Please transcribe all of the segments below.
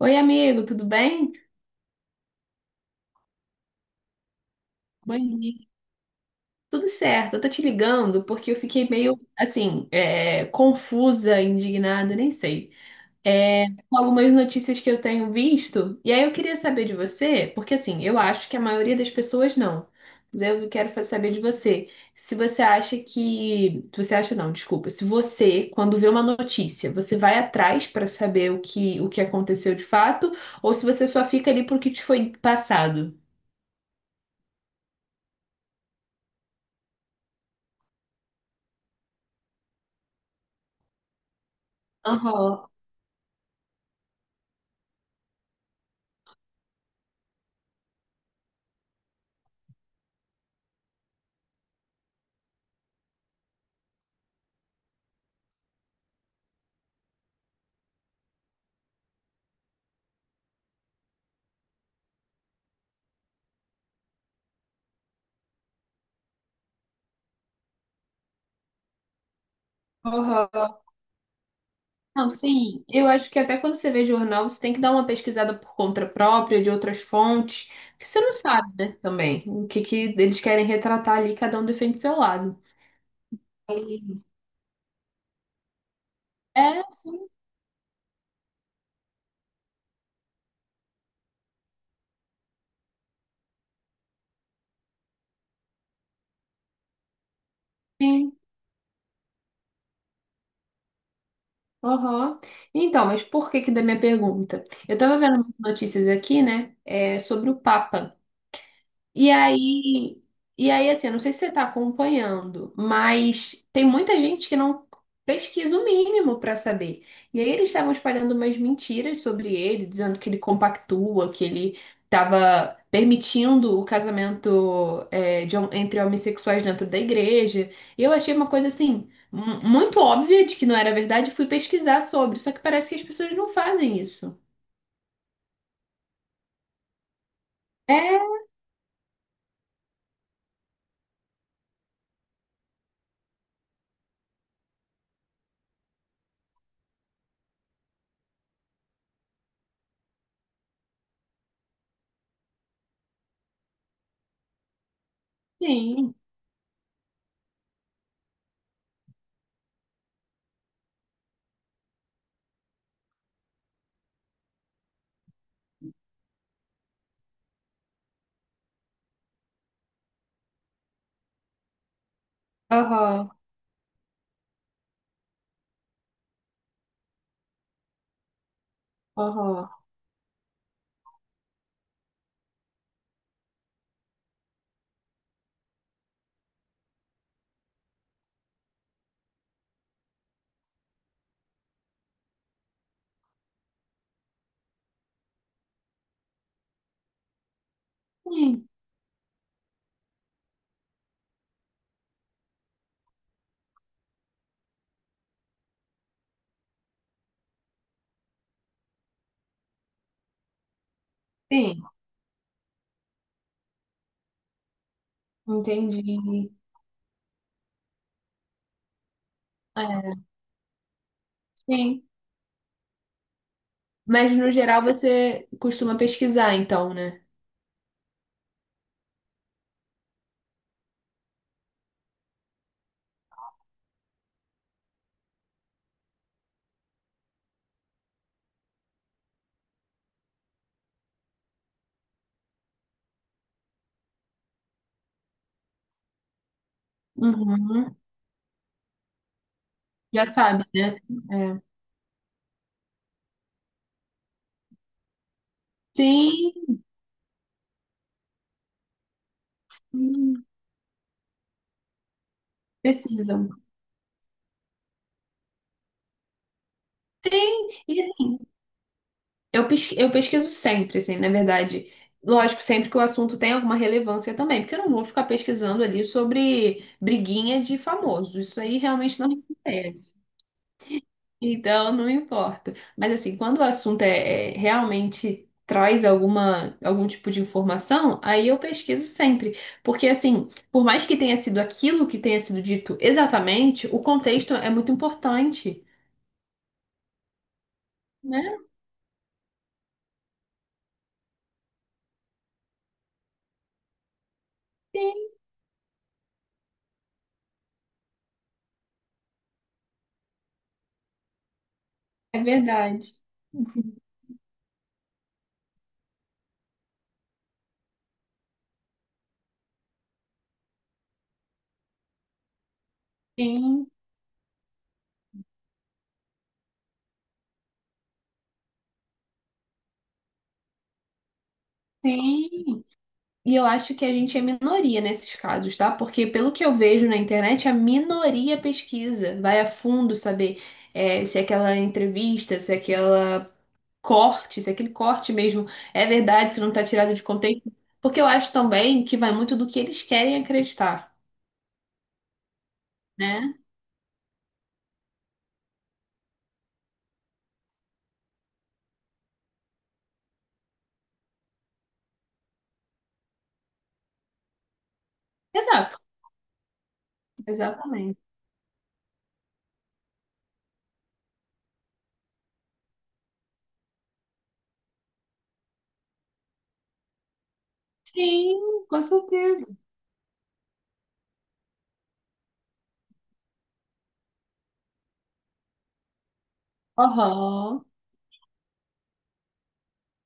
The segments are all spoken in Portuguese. Oi, amigo, tudo bem? Bom dia. Tudo certo. Eu tô te ligando porque eu fiquei meio, assim, confusa, indignada, nem sei. Com algumas notícias que eu tenho visto. E aí eu queria saber de você, porque assim, eu acho que a maioria das pessoas não. Mas eu quero saber de você. Se você acha que. Se você acha não, desculpa. Se você, quando vê uma notícia, você vai atrás pra saber o que aconteceu de fato, ou se você só fica ali porque te foi passado. Aham. Aham. Não, sim. Eu acho que até quando você vê jornal, você tem que dar uma pesquisada por conta própria, de outras fontes, que você não sabe, né, também, o que que eles querem retratar ali, cada um defende seu lado. E- É, sim, sim. Aham. Então, mas por que que da minha pergunta? Eu tava vendo umas notícias aqui, né, sobre o Papa. E aí, e aí, assim, eu não sei se você está acompanhando, mas tem muita gente que não pesquisa o mínimo para saber. E aí eles estavam espalhando umas mentiras sobre ele, dizendo que ele compactua, que ele estava permitindo o casamento de entre homossexuais dentro da igreja. E eu achei uma coisa assim. Muito óbvia de que não era verdade, e fui pesquisar sobre, só que parece que as pessoas não fazem isso. É, sim. Aham, aham. Sim, sim. Entendi. É, sim. Mas no geral você costuma pesquisar, então, né? Uhum. Já sabe, né? É. Sim, sim, precisam. Sim, e assim, eu pesquiso sempre, assim, na verdade. Lógico, sempre que o assunto tem alguma relevância também, porque eu não vou ficar pesquisando ali sobre briguinha de famoso. Isso aí realmente não me interessa. Então, não importa. Mas assim, quando o assunto é, realmente traz alguma algum tipo de informação, aí eu pesquiso sempre, porque assim, por mais que tenha sido aquilo que tenha sido dito exatamente, o contexto é muito importante, né? Sim, é verdade. Sim, sim. E eu acho que a gente é minoria nesses casos, tá? Porque pelo que eu vejo na internet, a minoria pesquisa, vai a fundo saber se é aquela entrevista, se é aquela corte, se aquele corte mesmo é verdade, se não está tirado de contexto, porque eu acho também que vai muito do que eles querem acreditar, né? Exato, exatamente. Sim, com certeza. Aham.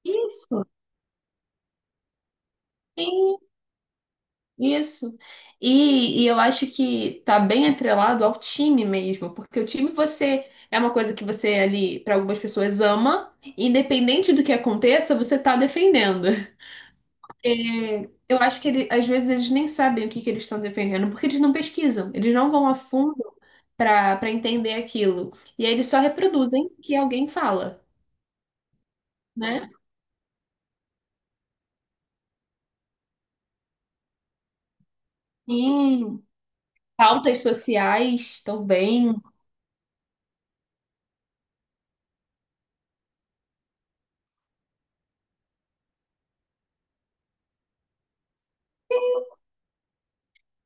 Isso, sim, isso. E, eu acho que tá bem atrelado ao time mesmo, porque o time você é uma coisa que você ali, para algumas pessoas, ama, independente do que aconteça, você tá defendendo. Eu acho que ele, às vezes eles nem sabem o que que eles estão defendendo, porque eles não pesquisam, eles não vão a fundo para entender aquilo. E aí eles só reproduzem o que alguém fala, né? Sim. Pautas sociais também.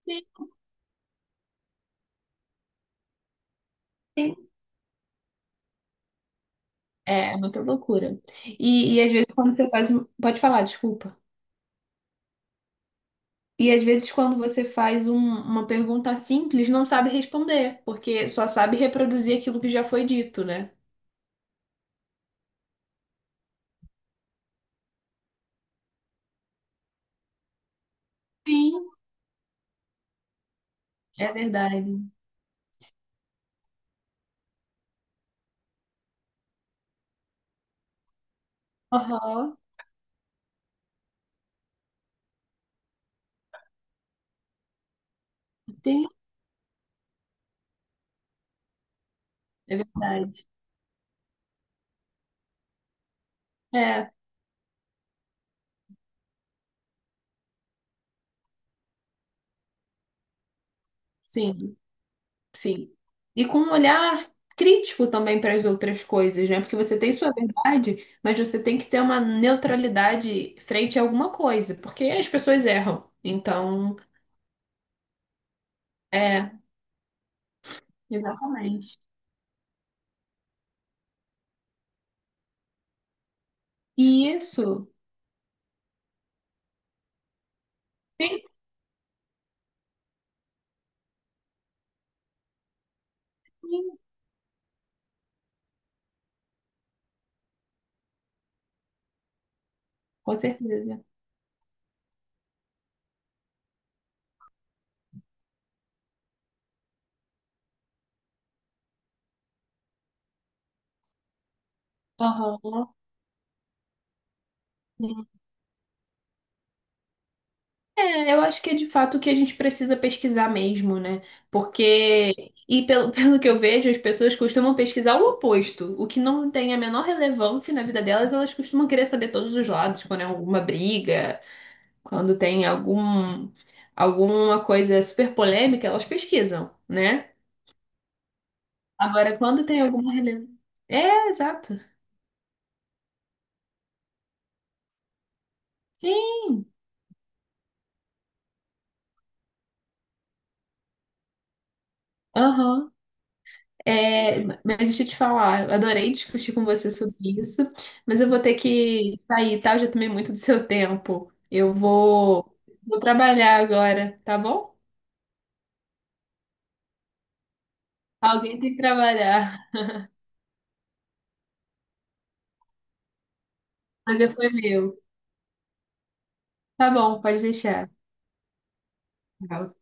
Sim. Sim. É muita loucura. E, às vezes quando você faz. Pode falar, desculpa. E às vezes quando você faz uma pergunta simples, não sabe responder, porque só sabe reproduzir aquilo que já foi dito, né? Sim. É verdade. Aham. Tem. É verdade. É, sim, sim. E com um olhar crítico também para as outras coisas, né? Porque você tem sua verdade, mas você tem que ter uma neutralidade frente a alguma coisa, porque as pessoas erram. Então, é, exatamente. E isso tem, sim, com certeza. Aham. É, eu acho que é de fato o que a gente precisa pesquisar mesmo, né? Porque, e pelo, pelo que eu vejo, as pessoas costumam pesquisar o oposto. O que não tem a menor relevância na vida delas, elas costumam querer saber todos os lados, quando é alguma briga, quando tem algum, alguma coisa super polêmica, elas pesquisam, né? Agora, quando tem alguma relevância. É, exato. Sim. Aham. É, mas deixa eu te falar, eu adorei discutir com você sobre isso, mas eu vou ter que sair, tá? Eu já tomei muito do seu tempo. Vou trabalhar agora, tá bom? Alguém tem que trabalhar. Mas é foi meu. Tá bom, pode deixar. Tchau.